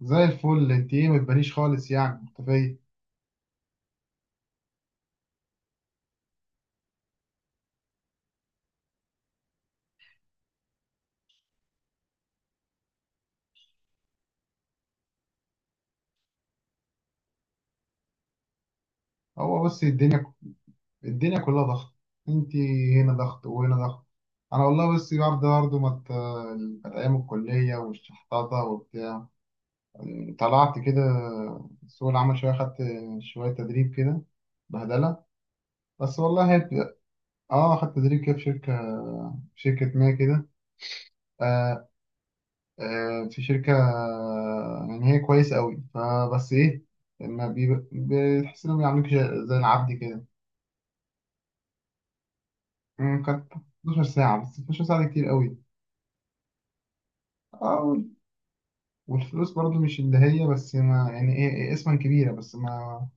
زي الفل، انت ايه؟ ما تبانيش خالص، يعني مختفية. هو بس الدنيا، الدنيا كلها ضغط. انت هنا ضغط وهنا ضغط. انا والله بس برضه ما ت- كانت ايام الكلية والشحطاطة وبتاع. طلعت كده سوق العمل، شوية خدت شوية تدريب كده، بهدلة. بس والله هي اه، خدت تدريب كده في شركة، ما كده. آه، في شركة، يعني هي كويس قوي، فبس ايه، ما بيب- بتحس انهم بيعاملوك زي العبد كده. كانت 12 ساعة، بس 12 ساعة دي كتير قوي. اه وال- والفلوس برضو مش اللي هي، بس ما يعني ايه، إيه اسما كبيرة بس ما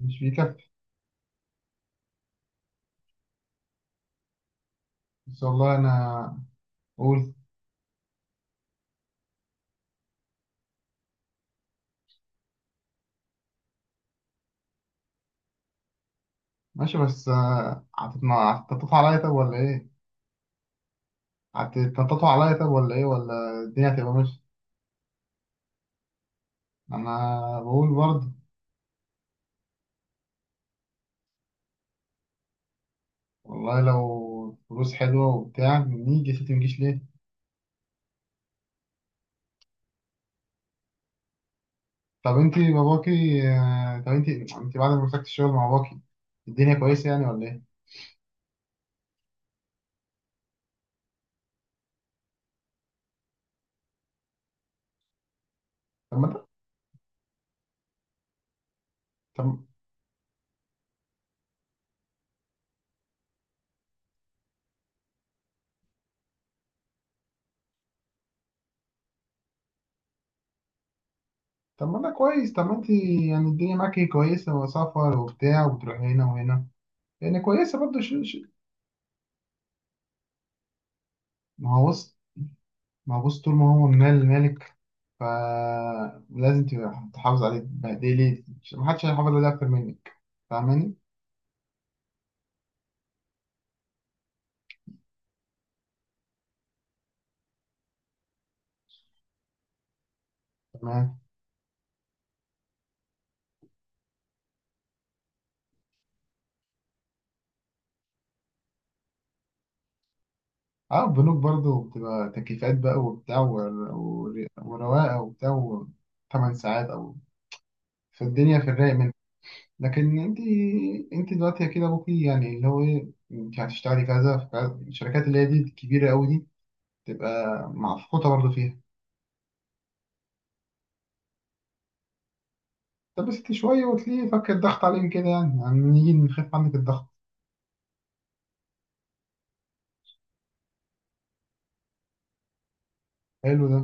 مش بيكفي. ان شاء الله انا اقول. ماشي بس هتتنططوا عليا طب ولا ايه؟ هتتنططوا عليا طب ولا ايه؟ ولا الدنيا هتبقى ماشية؟ انا بقول برضه. والله لو فلوس حلوة وبتاع نيجي يا ستي، مجيش ليه؟ طب انت باباكي، طب انت، انت بعد ما مسكت الشغل مع باباكي الدنيا كويسه يعني ولا ايه؟ طب ما ده، طب طب ما ده كويس. طب ما انت يعني الدنيا معاكي كويسه، وسفر وبتاع، وبتروحي هنا وهنا، يعني كويسه برضه. ما هو بص، ما هو بص، طول ما هو من مال مالك فلازم تبقى تحافظ عليه، تبهدلي ما حدش هيحافظ عليه اكتر منك، فاهماني؟ تمام. اه، البنوك برضه بتبقى تكييفات بقى وبتاع، ورواقه وبتاع. 8 ساعات او، فالدنيا في الرايق منك. لكن انت، انت دلوقتي كده ابوكي يعني اللي هو ايه، انت هتشتغلي كذا في كذا، الشركات اللي هي دي الكبيره قوي دي تبقى معفقوطه برضه فيها. طب بس انت شويه وتلاقيه فك الضغط عليهم كده، يعني يعني نيجي نخف عنك الضغط. حلو ده.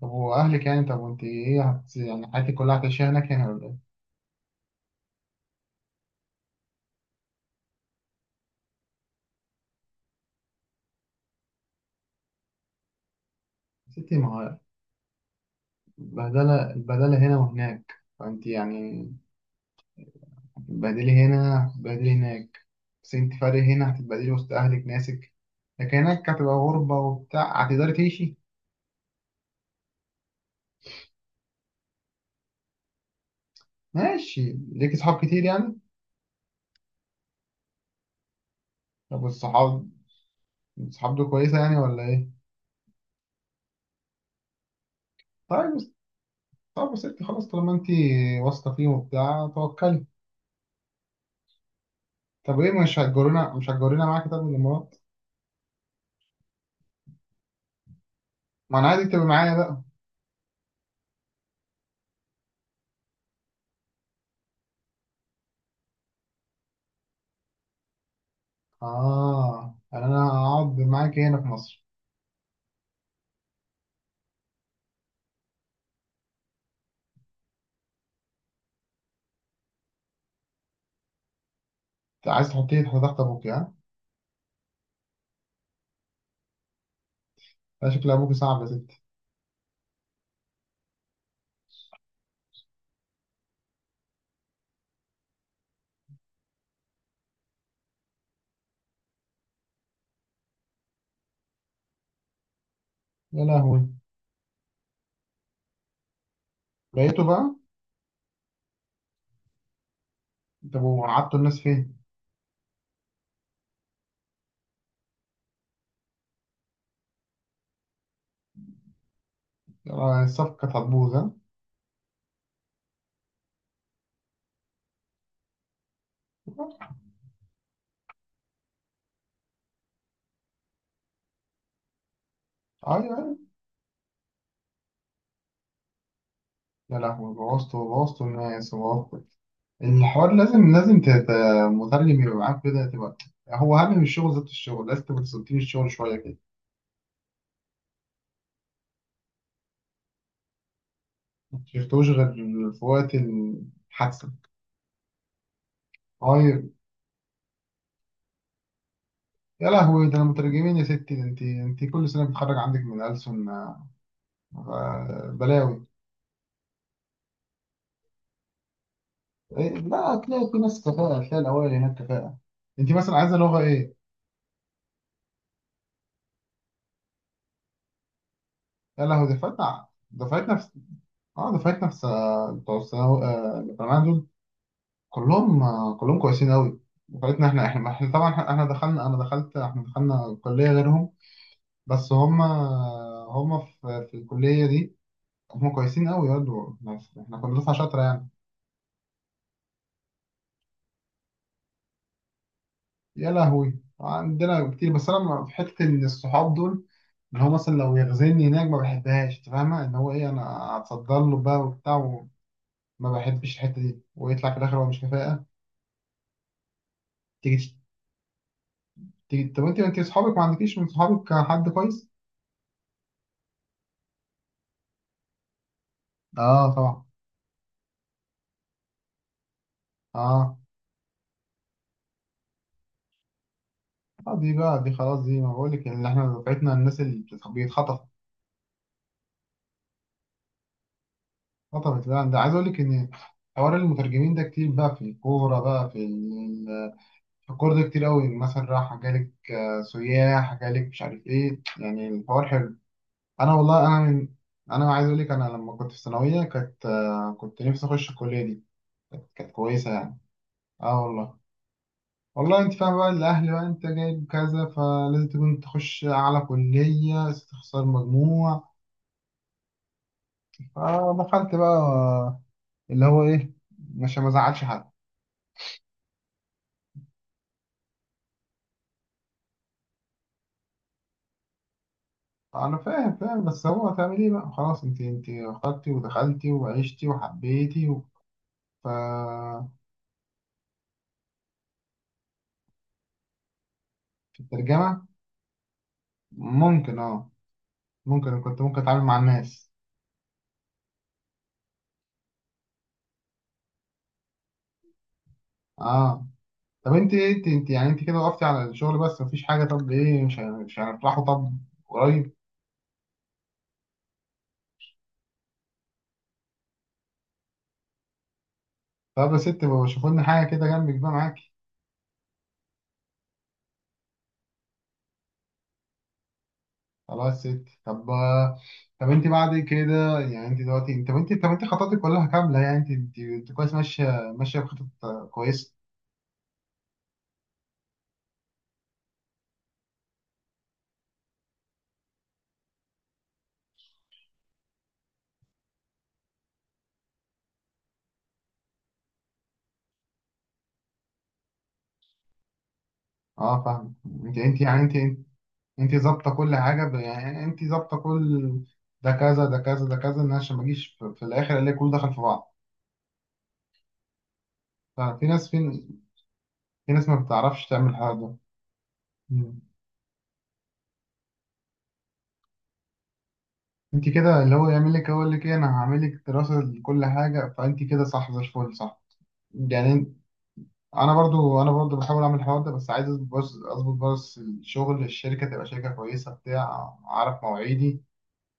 طب واهلك يعني، طب وانت ايه، يعني حياتك كلها هتعيشيها هناك هنا ولا ايه؟ يا ستي ما هو البهدله، البهدله هنا وهناك. فانت يعني هتتبهدلي هنا، هتتبهدلي هناك. بس انت فارق، هنا هتتبهدلي وسط اهلك ناسك، لكن هناك هتبقى غربة وبتاع، هتقدري تعيشي؟ ماشي، ليكي صحاب كتير يعني؟ طب والصحاب، الصحاب دول كويسة يعني ولا ايه؟ طيب بس، طب بس انت خلاص طالما انت واثقة فيهم وبتاع، توكلي. طب ايه، مش هتجرينا، مش هتجرينا معاكي طب الامارات؟ ما انا عايزك تبقي معايا بقى. اه، يعني انا هقعد معاكي هنا في مصر؟ انت عايز تحطيه تحت ضغط ابوكي ها؟ ده شكل ابوكي صعب يا ستي. يا لهوي، لقيته بقى؟ طب وقعدتوا الناس فين؟ آه، الصفقة كانت هتبوظ ها؟ أيوه أيوه. يا لهوي، بوظتوا، بوظتوا الناس، وبوظتوا الحوار. لازم مترجم يبقى معاك كده، تبقى هو أهم من الشغل ذات الشغل، لازم تبقى تسلطين الشغل شوية كده. ما شفتوش غير في وقت الحادثة؟ طيب. يا لهوي ده، أنا مترجمين يا ستي ده، أنت، أنت كل سنة بتخرج عندك من ألسن بلاوي. إيه؟ لا، هتلاقي في ناس كفاءة، هتلاقي الأوائل هناك كفاءة. أنت مثلا عايزة لغة إيه؟ يا لهوي، دفعتنا. اه، بتوع الثانوي، بتوع الجامعة دول كلهم، كلهم كويسين قوي. دفعتنا احنا احنا احنا طبعا احنا إحنا دخلنا انا دخلت احنا دخلنا كلية غيرهم. بس هم، هم في الكلية دي، هم كويسين قوي برضه، بس احنا كنا دفعة شاطرة يعني. يا لهوي، عندنا كتير، بس انا في حتة، ان الصحاب دول اللي هو مثلا لو يغزلني هناك ما بحبهاش. انت فاهمة ان هو ايه، انا اتصدر له بقى وبتاع، وما بحبش الحتة دي، ويطلع في الاخر هو مش كفاءة. تيجي، طب انت اصحابك، ما عندكيش من صحابك حد كويس؟ اه، طبعا. اه اه، دي بقى، دي خلاص، دي ما بقول لك، اللي احنا دفعتنا الناس اللي بيتخطف. خطفت بقى. ده عايز اقول لك ان حوار المترجمين ده كتير بقى في الكوره بقى، في الكوره ده كتير قوي، مثلا راح جالك سياح جالك، مش عارف ايه، يعني الحوار حلو. انا والله انا من انا عايز اقول لك انا لما كنت في الثانويه كانت، كنت نفسي اخش الكليه دي، كانت كويسه يعني. اه والله، والله انت فاهم بقى، الاهل بقى، انت جايب كذا فلازم تكون تخش اعلى كليه، تخسر مجموع. فدخلت بقى اللي هو ايه، مش ما زعلش حد. انا فاهم فاهم، بس هو هتعمل ايه بقى خلاص، انت انت اخترتي ودخلتي وعشتي وحبيتي و... ف في الترجمه ممكن اه، ممكن كنت ممكن اتعامل مع الناس. اه. طب انت ايه، انت يعني انت كده وقفتي على الشغل بس مفيش حاجه، طب ايه، مش هنفرحوا طب قريب؟ طب يا ست، ما شوفوا لنا حاجه كده جنبك بقى معاكي. خلاص يا ست، طب. طب انت بعد كده يعني، انت دلوقتي، انت طب انت، طب انت خططك كلها كامله يعني، انت كويس، ماشيه ماشيه بخطط كويسه. اه فاهم. انت يعني انت ظابطه كل حاجه، يعني انت ظابطه كل ده كذا ده كذا ده كذا، ان عشان ما اجيش في الاخر الاقي كله دخل في بعض. ففي ناس في ناس ما بتعرفش تعمل الحوار ده. مم. انت كده، اللي هو يعمل لك يقول لك ايه، انا هعمل لك دراسه لكل حاجه، فانت كده صح زي الفل صح يعني. انا برضو بحاول اعمل الحوار ده، بس عايز اظبط، بس الشغل، الشركه تبقى شركه كويسه بتاع اعرف مواعيدي،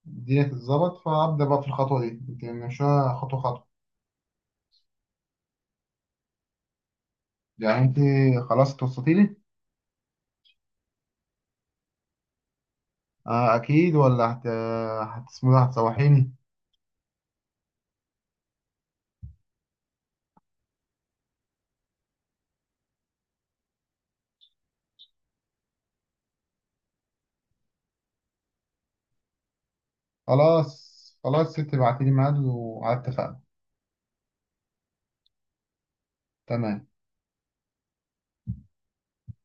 الدنيا تتظبط، فابدا بقى في الخطوه دي. انت ماشيه خطوه خطوه، يعني انت خلاص توصلتي لي. آه اكيد، ولا هتسمو ده، هتسوحيني. خلاص، خلاص ست، ابعتي لي ميعاد وعلى اتفقنا. تمام.